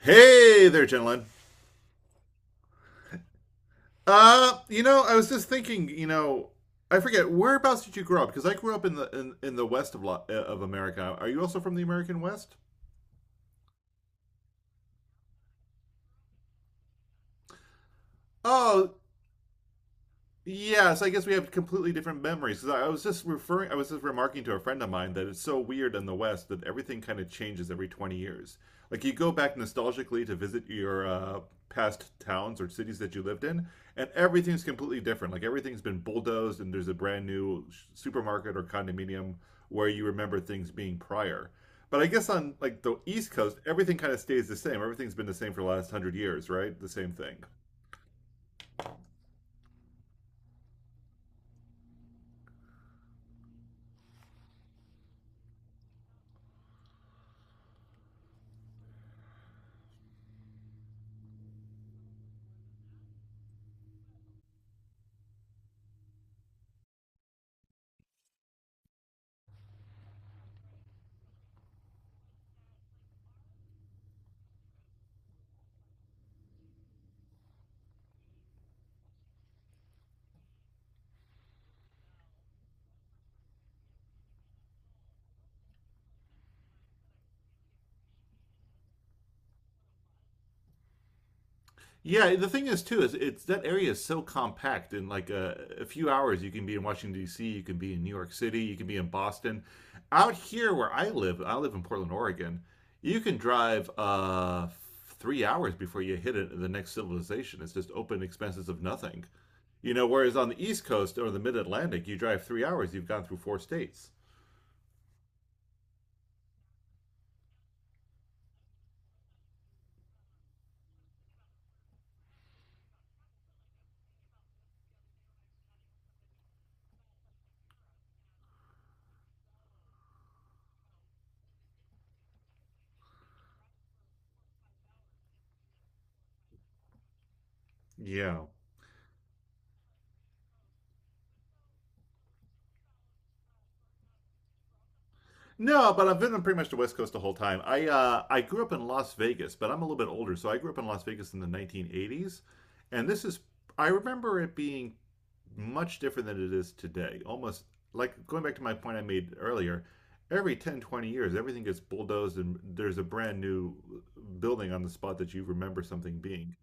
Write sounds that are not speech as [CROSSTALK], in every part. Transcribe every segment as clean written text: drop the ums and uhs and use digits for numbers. Hey there, gentlemen. You know, I was just thinking. I forget whereabouts did you grow up? Because I grew up in the west of America. Are you also from the American West? Oh, yes, I guess we have completely different memories. 'Cause I was just remarking to a friend of mine that it's so weird in the West that everything kind of changes every 20 years. Like you go back nostalgically to visit your past towns or cities that you lived in, and everything's completely different. Like everything's been bulldozed, and there's a brand new supermarket or condominium where you remember things being prior. But I guess on like the East Coast, everything kind of stays the same. Everything's been the same for the last 100 years, right? The same thing. Yeah, the thing is too is it's that area is so compact. In like a few hours, you can be in Washington D.C., you can be in New York City, you can be in Boston. Out here where I live in Portland, Oregon. You can drive 3 hours before the next civilization. It's just open expanses of nothing. You know, whereas on the East Coast or the Mid Atlantic, you drive 3 hours, you've gone through four states. Yeah. No, but I've been pretty much the West Coast the whole time. I grew up in Las Vegas, but I'm a little bit older, so I grew up in Las Vegas in the 1980s, and this is I remember it being much different than it is today. Almost like going back to my point I made earlier, every 10, 20 years, everything gets bulldozed and there's a brand new building on the spot that you remember something being.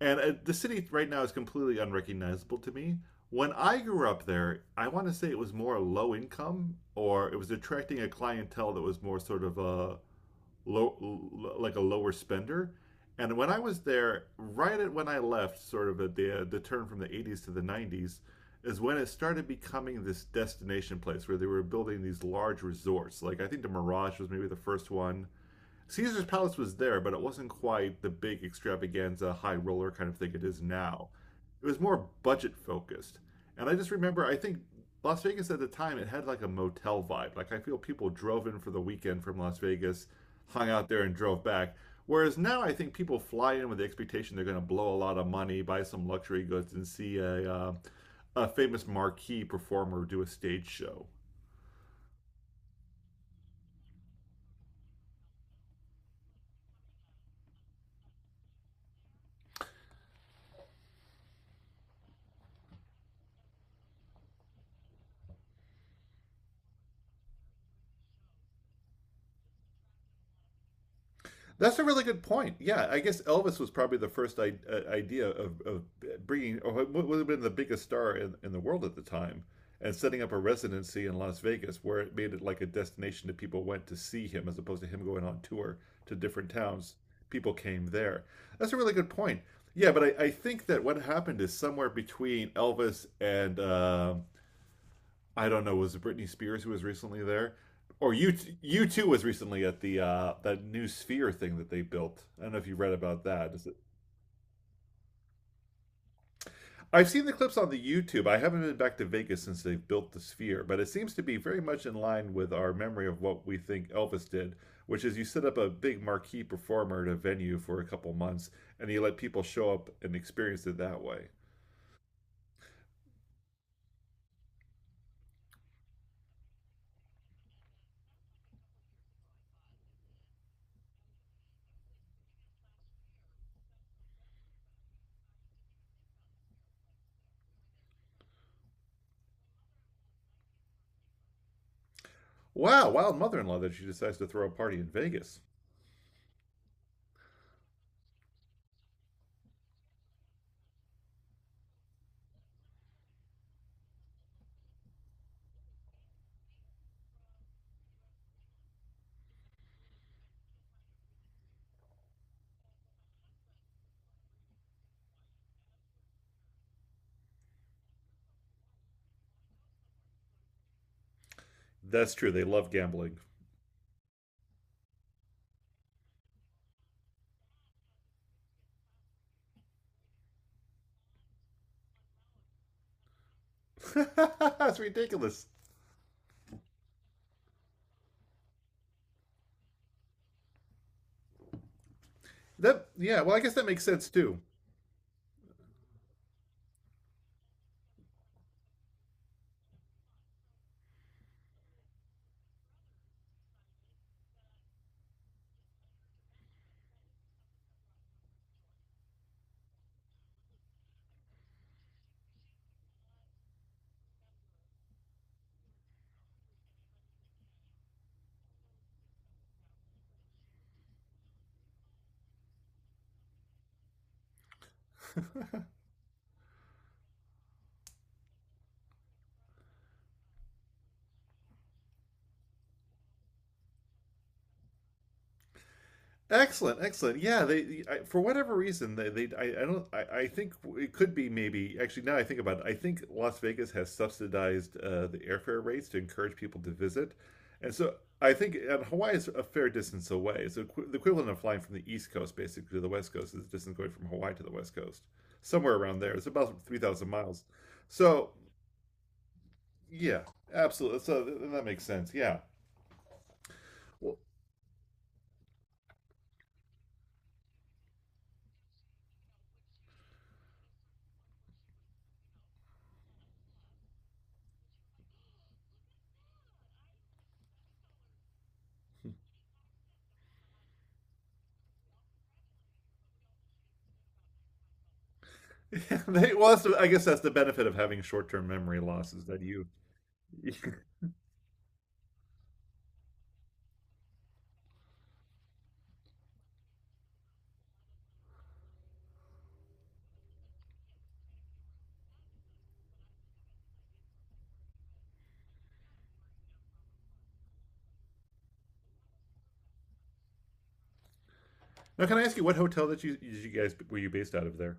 And the city right now is completely unrecognizable to me. When I grew up there, I want to say it was more low income, or it was attracting a clientele that was more sort of a low, like a lower spender. And when I was there, right at when I left, sort of at the turn from the 80s to the 90s, is when it started becoming this destination place where they were building these large resorts. Like I think the Mirage was maybe the first one. Caesar's Palace was there, but it wasn't quite the big extravaganza, high roller kind of thing it is now. It was more budget focused. And I just remember, I think Las Vegas at the time, it had like a motel vibe. I feel people drove in for the weekend from Las Vegas, hung out there, and drove back. Whereas now, I think people fly in with the expectation they're going to blow a lot of money, buy some luxury goods, and see a famous marquee performer do a stage show. That's a really good point. Yeah, I guess Elvis was probably the first idea of bringing, or what would have been the biggest star in the world at the time, and setting up a residency in Las Vegas where it made it like a destination that people went to see him as opposed to him going on tour to different towns. People came there. That's a really good point. Yeah, but I think that what happened is somewhere between Elvis and I don't know, was it Britney Spears who was recently there? Or you too was recently at the that new sphere thing that they built. I don't know if you read about that. I've seen the clips on the YouTube. I haven't been back to Vegas since they've built the sphere, but it seems to be very much in line with our memory of what we think Elvis did, which is you set up a big marquee performer at a venue for a couple months and you let people show up and experience it that way. Wow, wild mother-in-law that she decides to throw a party in Vegas. That's true. They love gambling. [LAUGHS] That's ridiculous. That yeah, well, I guess that makes sense too. Excellent, excellent. Yeah, for whatever reason I don't I think it could be maybe actually now I think about it I think Las Vegas has subsidized the airfare rates to encourage people to visit, and so I think and Hawaii is a fair distance away. So the equivalent of flying from the East Coast basically to the West Coast is the distance going from Hawaii to the West Coast, somewhere around there. It's about 3,000 miles. So yeah, absolutely. So that makes sense. Yeah. Well, [LAUGHS] they- well, that's the, I guess that's the benefit of having short-term memory losses that you. [LAUGHS] Now, can I ask you what hotel that you guys were you based out of there?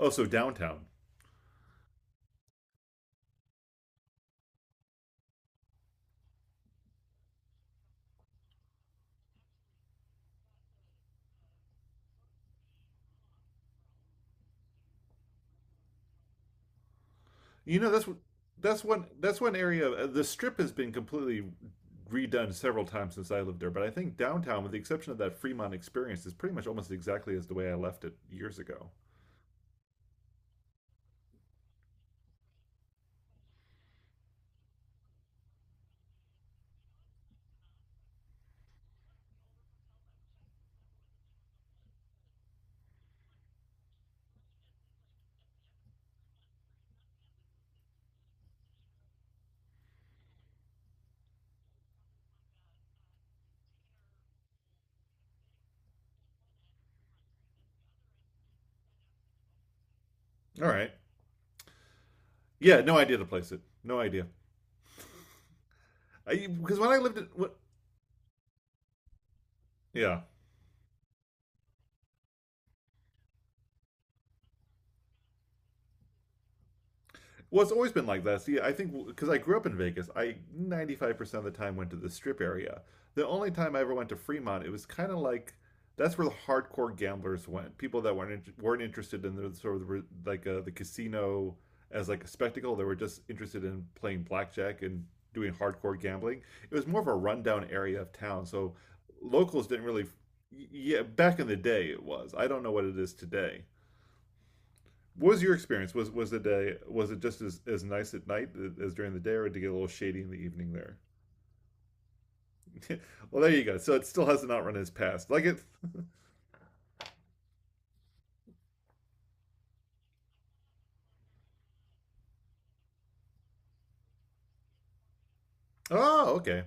Oh, so downtown. You know that's one area. The strip has been completely redone several times since I lived there, but I think downtown, with the exception of that Fremont experience, is pretty much almost exactly as the way I left it years ago. All right. Yeah, no idea to place it. No idea. Because when I lived in what. Yeah, well, it's always been like that. See, I think because I grew up in Vegas, I 95% of the time went to the strip area. The only time I ever went to Fremont, it was kind of like that's where the hardcore gamblers went. People that weren't interested in the sort of the, like the casino as like a spectacle. They were just interested in playing blackjack and doing hardcore gambling. It was more of a rundown area of town, so locals didn't really. Yeah, back in the day it was. I don't know what it is today. What was your experience? Was it was it just as nice at night as during the day, or did it get a little shady in the evening there? [LAUGHS] Well, there you go. So it still has not run its past. Like it. Oh, okay.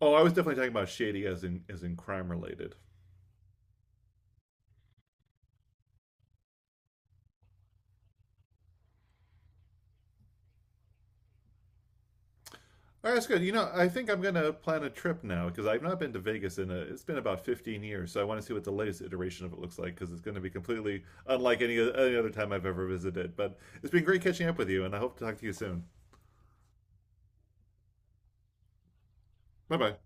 Oh, I was definitely talking about shady as in crime related. All right, that's good. You know, I think I'm gonna plan a trip now because I've not been to Vegas in a. It's been about 15 years, so I want to see what the latest iteration of it looks like because it's going to be completely unlike any other time I've ever visited. But it's been great catching up with you, and I hope to talk to you soon. Bye bye.